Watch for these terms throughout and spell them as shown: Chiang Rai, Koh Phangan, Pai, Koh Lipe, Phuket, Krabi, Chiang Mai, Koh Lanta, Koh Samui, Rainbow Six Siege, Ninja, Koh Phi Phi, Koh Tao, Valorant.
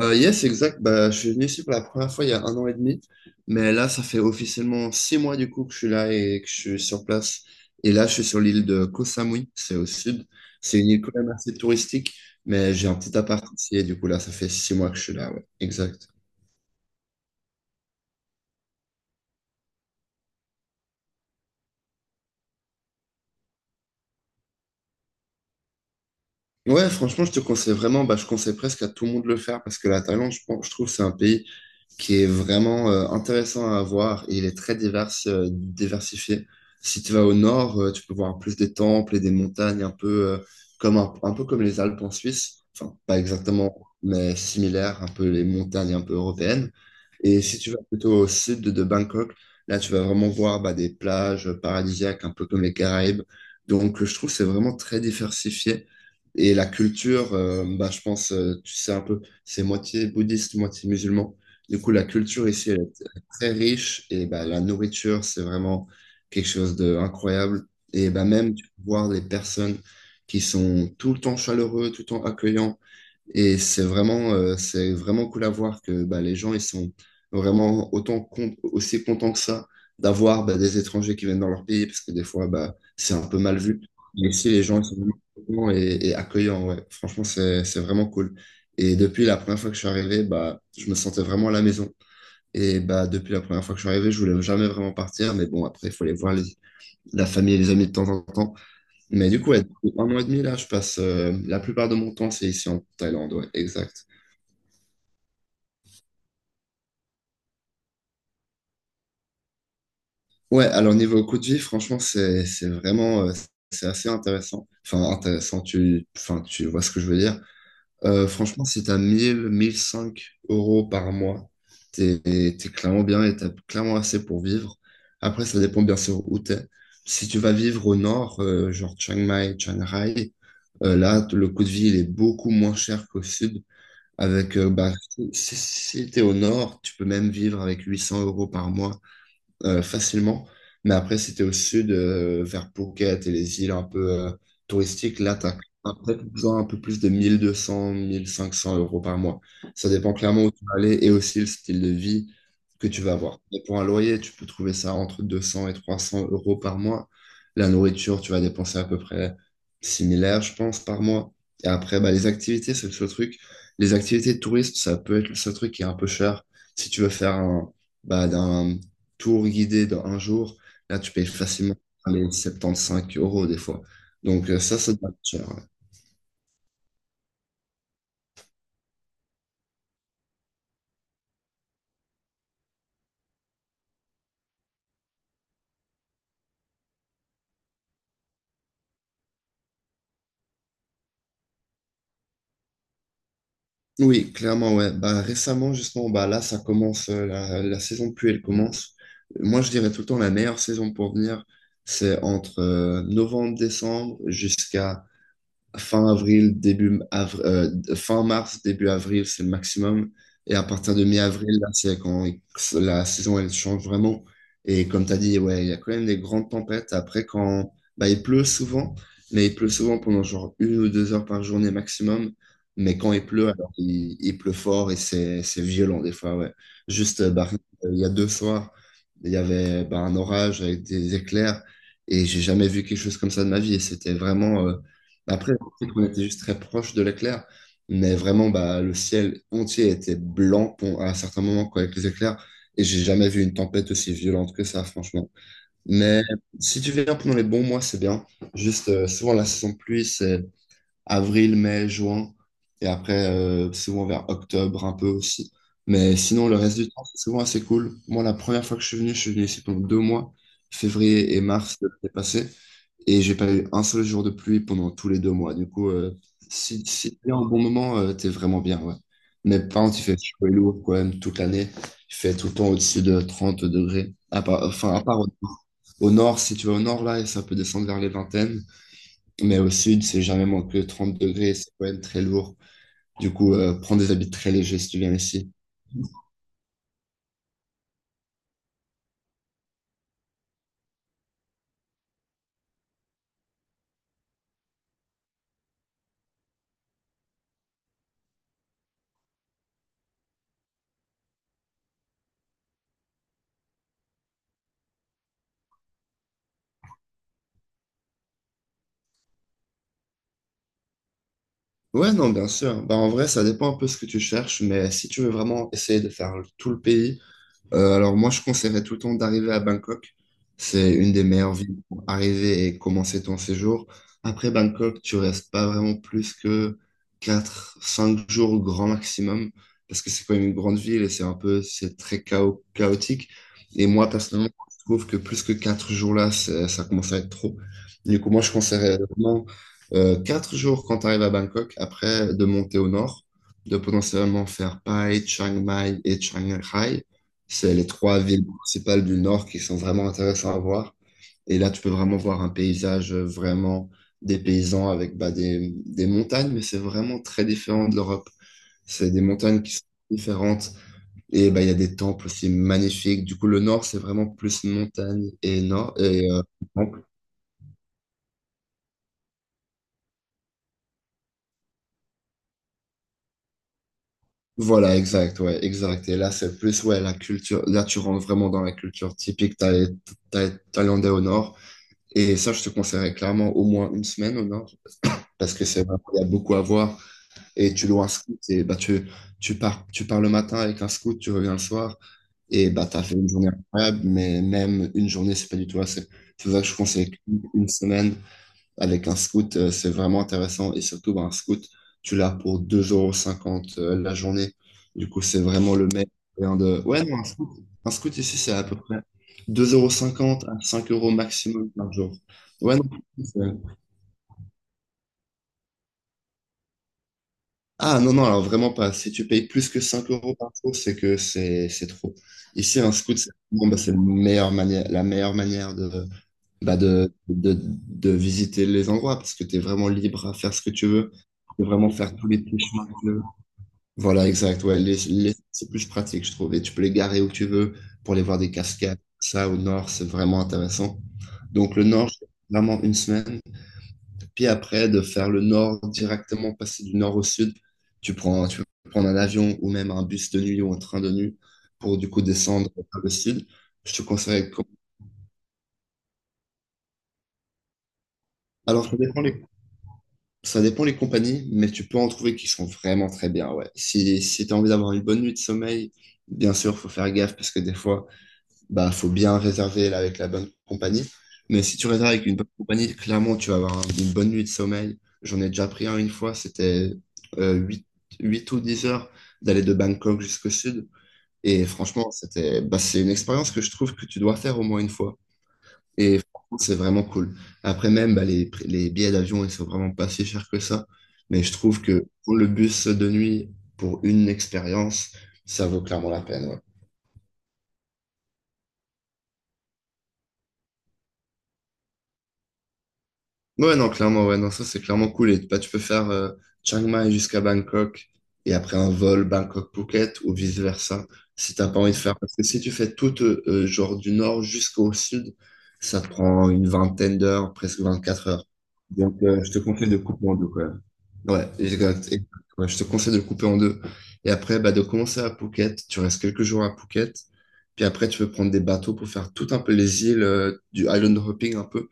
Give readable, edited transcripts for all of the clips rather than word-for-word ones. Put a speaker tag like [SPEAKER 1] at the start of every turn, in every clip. [SPEAKER 1] Yes, exact. Bah, je suis venu ici pour la première fois il y a un an et demi, mais là, ça fait officiellement 6 mois du coup que je suis là et que je suis sur place. Et là, je suis sur l'île de Koh Samui, c'est au sud. C'est une île quand même assez touristique, mais j'ai un petit appart ici et du coup là, ça fait six mois que je suis là. Ouais, exact. Ouais, franchement, je te conseille vraiment, bah, je conseille presque à tout le monde de le faire parce que la Thaïlande, je pense, je trouve, c'est un pays qui est vraiment intéressant à voir et il est très diversifié. Si tu vas au nord, tu peux voir plus des temples et des montagnes, un peu, comme un peu comme les Alpes en Suisse, enfin pas exactement, mais similaires, un peu les montagnes un peu européennes. Et si tu vas plutôt au sud de Bangkok, là tu vas vraiment voir bah, des plages paradisiaques, un peu comme les Caraïbes. Donc je trouve que c'est vraiment très diversifié. Et la culture, bah, je pense, tu sais un peu, c'est moitié bouddhiste, moitié musulman. Du coup, la culture ici elle est très riche et bah, la nourriture, c'est vraiment quelque chose d'incroyable. Et bah, même tu peux voir les personnes qui sont tout le temps chaleureux, tout le temps accueillants. Et c'est vraiment cool à voir que bah, les gens ils sont vraiment aussi contents que ça d'avoir bah, des étrangers qui viennent dans leur pays, parce que des fois, bah, c'est un peu mal vu. Mais ici, les gens ils sont vraiment contents et accueillants, ouais. Franchement, c'est vraiment cool. Et depuis la première fois que je suis arrivé, bah, je me sentais vraiment à la maison. Et bah, depuis la première fois que je suis arrivé, je voulais jamais vraiment partir. Mais bon, après, il faut aller voir la famille et les amis de temps en temps. Mais du coup, ouais, depuis un mois et demi, là, je passe la plupart de mon temps, c'est ici en Thaïlande, ouais, exact. Ouais, alors niveau coût de vie, franchement, c'est vraiment c'est assez intéressant. Enfin, intéressant, tu, enfin, tu vois ce que je veux dire. Franchement, si t'as 1000, 1005 euros par mois, t'es clairement bien et t'as clairement assez pour vivre. Après, ça dépend bien sûr où t'es. Si tu vas vivre au nord, genre Chiang Mai, Chiang Rai, là, le coût de vie, il est beaucoup moins cher qu'au sud. Avec, bah, si t'es au nord, tu peux même vivre avec 800 euros par mois facilement. Mais après, si t'es au sud, vers Phuket et les îles un peu touristiques, là, t'as peut-être besoin un peu plus de mille, mille deux cents, mille cinq cents euros par mois. Ça dépend clairement où tu vas aller et aussi le style de vie que tu vas avoir. Et pour un loyer, tu peux trouver ça entre 200 et 300 euros par mois. La nourriture, tu vas dépenser à peu près similaire, je pense, par mois. Et après, bah, les activités, c'est le seul truc. Les activités de touristes, ça peut être le seul truc qui est un peu cher. Si tu veux faire un, bah, d'un tour guidé dans un jour, là, tu payes facilement les 75 euros des fois. Donc, ça doit être cher. Ouais. Oui, clairement, ouais. Bah, récemment, justement, bah, là, ça commence, la saison de pluie, elle commence. Moi, je dirais tout le temps, la meilleure saison pour venir, c'est entre novembre, décembre jusqu'à fin avril, fin mars, début avril, c'est le maximum. Et à partir de mi-avril, là, c'est quand la saison elle change vraiment. Et comme tu as dit, ouais, il y a quand même des grandes tempêtes. Après, quand bah, il pleut souvent, mais il pleut souvent pendant genre une ou deux heures par journée maximum. Mais quand il pleut, alors il pleut fort et c'est violent des fois, ouais. Juste, bah, il y a deux soirs, il y avait bah, un orage avec des éclairs et j'ai jamais vu quelque chose comme ça de ma vie. Et c'était vraiment après, sais qu'on était juste très proche de l'éclair, mais vraiment, bah, le ciel entier était blanc à certains moments quoi, avec les éclairs. Et j'ai jamais vu une tempête aussi violente que ça, franchement. Mais si tu viens pendant les bons mois, c'est bien. Juste, souvent, la saison de pluie, c'est avril, mai, juin, et après, souvent vers octobre un peu aussi. Mais sinon, le reste du temps, c'est souvent assez cool. Moi, la première fois que je suis venu ici pendant deux mois, février et mars de l'année passée, et j'ai pas eu un seul jour de pluie pendant tous les deux mois. Du coup, si t'es en bon moment, t'es vraiment bien, ouais. Mais par contre, il fait chaud et lourd quand même toute l'année. Il fait tout le temps au-dessus de 30 degrés. À part, enfin, à part au nord, si tu vas au nord, là, et ça peut descendre vers les vingtaines. Mais au sud, c'est jamais moins que 30 degrés, c'est quand même très lourd. Du coup, prends des habits très légers si tu viens ici. Ouais, non, bien sûr. Bah, en vrai, ça dépend un peu ce que tu cherches, mais si tu veux vraiment essayer de faire tout le pays. Alors moi, je conseillerais tout le temps d'arriver à Bangkok. C'est une des meilleures villes pour arriver et commencer ton séjour. Après Bangkok, tu restes pas vraiment plus que 4, 5 jours au grand maximum, parce que c'est quand même une grande ville et c'est un peu, c'est très chaotique. Et moi, personnellement, je trouve que plus que 4 jours là, ça commence à être trop. Du coup, moi, je conseillerais vraiment 4 jours quand tu arrives à Bangkok, après de monter au nord, de potentiellement faire Pai, Chiang Mai et Chiang Rai. C'est les trois villes principales du Nord qui sont vraiment intéressantes à voir. Et là, tu peux vraiment voir un paysage vraiment des paysans avec bah, des montagnes, mais c'est vraiment très différent de l'Europe. C'est des montagnes qui sont différentes. Et bah, il y a des temples aussi magnifiques. Du coup, le Nord, c'est vraiment plus montagne et Nord. Et, temple. Voilà, exact, ouais, exact. Et là, c'est plus, ouais, la culture. Là, tu rentres vraiment dans la culture typique thaïlandaise au Nord. Et ça, je te conseillerais clairement au moins une semaine au Nord. Parce que c'est vrai qu'il y a beaucoup à voir. Et tu loues un scout et bah, tu pars le matin avec un scout, tu reviens le soir et bah, tu as fait une journée incroyable, mais même une journée, c'est pas du tout assez. C'est pour ça que je conseille une semaine avec un scout, c'est vraiment intéressant et surtout bah, un scout, tu l'as pour 2,50 € la journée. Du coup, c'est vraiment le meilleur moyen de... Ouais, non, un scout ici, c'est à peu près 2,50 € à 5 euros maximum par jour. Ouais, non, c'est- Ah non, non, alors vraiment pas. Si tu payes plus que 5 euros par jour, c'est que c'est trop. Ici, un scout, c'est bon, bah, c'est la meilleure manière de, bah, de visiter les endroits parce que tu es vraiment libre à faire ce que tu veux. Tu peux vraiment faire tous les petits chemins que tu veux. Voilà, exact. Ouais, c'est plus pratique, je trouve. Et tu peux les garer où tu veux pour aller voir des cascades. Ça, au nord, c'est vraiment intéressant. Donc, le nord, je fais vraiment une semaine. Puis après, de faire le nord directement, passer du nord au sud, tu peux prendre un avion ou même un bus de nuit ou un train de nuit pour du coup descendre vers le sud. Je te conseille. Alors, ça dépend ça dépend les compagnies, mais tu peux en trouver qui sont vraiment très bien. Ouais. Si tu as envie d'avoir une bonne nuit de sommeil, bien sûr, faut faire gaffe parce que des fois, bah, faut bien réserver là, avec la bonne compagnie. Mais si tu réserves avec une bonne compagnie, clairement, tu vas avoir une bonne nuit de sommeil. J'en ai déjà pris un une fois, c'était euh, huit huit ou 10 heures d'aller de Bangkok jusqu'au sud. Et franchement, c'était, bah, c'est une expérience que je trouve que tu dois faire au moins une fois. Et franchement, c'est vraiment cool. Après même, bah, les, les billets d'avion, ils sont vraiment pas si chers que ça. Mais je trouve que pour le bus de nuit, pour une expérience, ça vaut clairement la peine, ouais. Ouais, non, clairement, ouais, non, ça c'est clairement cool. Et bah, tu peux faire Chiang Mai jusqu'à Bangkok, et après un vol Bangkok-Phuket ou vice-versa si t'as pas envie de faire. Parce que si tu fais tout, genre du nord jusqu'au sud, ça te prend une vingtaine d'heures, presque 24 heures. Donc, je te conseille de couper en deux, quoi. Ouais, exact. Ouais, je te conseille de le couper en deux. Et après, bah, de commencer à Phuket, tu restes quelques jours à Phuket, puis après, tu peux prendre des bateaux pour faire tout un peu les îles, du island hopping un peu.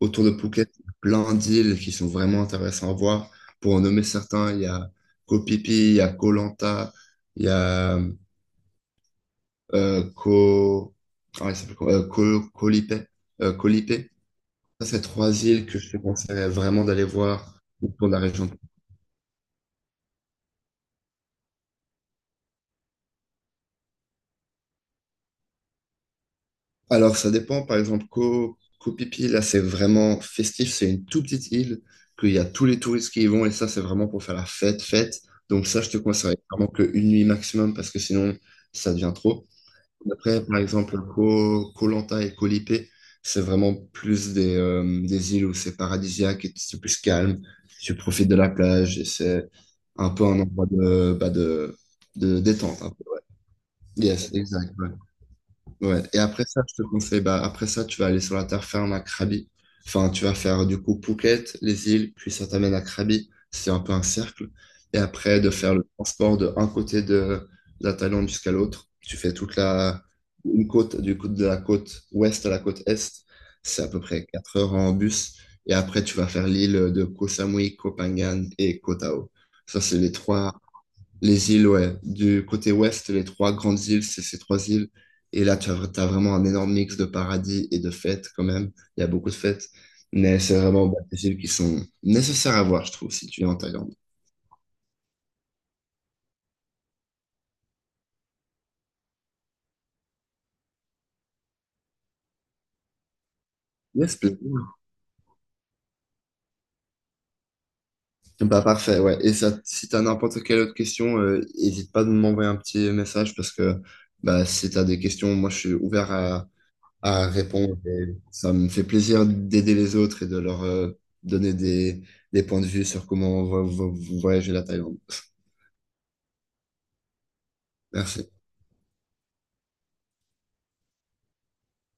[SPEAKER 1] Autour de Phuket, il y a plein d'îles qui sont vraiment intéressantes à voir. Pour en nommer certains, il y a Koh Phi Phi, il y a Koh Lanta, il y a Koh... Ah, il s'appelle comment? Koh Lipe. Koh Lipe. Ça, c'est trois îles que je te conseillerais vraiment d'aller voir autour de la région. Alors, ça dépend. Par exemple, Koh Phi Phi, là, c'est vraiment festif. C'est une toute petite île qu'il y a tous les touristes qui y vont. Et ça, c'est vraiment pour faire la fête, fête. Donc, ça, je te conseille vraiment qu'une nuit maximum parce que sinon, ça devient trop. Après, par exemple, Koh Lanta et Koh Lipet, c'est vraiment plus des îles où c'est paradisiaque et c'est plus calme. Tu profites de la plage et c'est un peu un endroit de, bah, de détente, un peu, ouais. Yes, exact, ouais. Ouais. Et après ça, je te conseille, bah, après ça, tu vas aller sur la terre ferme à Krabi. Enfin, tu vas faire du coup Phuket, les îles, puis ça t'amène à Krabi. C'est un peu un cercle. Et après, de faire le transport de un côté de la Thaïlande jusqu'à l'autre. Tu fais toute la, une côte, du coup, de la côte ouest à la côte est. C'est à peu près 4 heures en bus. Et après, tu vas faire l'île de Koh Samui, Koh Phangan et Koh Tao. Ça, c'est les trois les îles, ouais. Du côté ouest, les trois grandes îles, c'est ces trois îles. Et là, t'as vraiment un énorme mix de paradis et de fêtes quand même. Il y a beaucoup de fêtes. Mais c'est vraiment, bah, des îles qui sont nécessaires à voir, je trouve, si tu es en Thaïlande. Yes, please. Bah, parfait, ouais. Et ça, si tu as n'importe quelle autre question, n'hésite pas de m'envoyer un petit message, parce que bah, si tu as des questions, moi, je suis ouvert à répondre. Et ça me fait plaisir d'aider les autres et de leur donner des points de vue sur comment voyager la Thaïlande. Merci.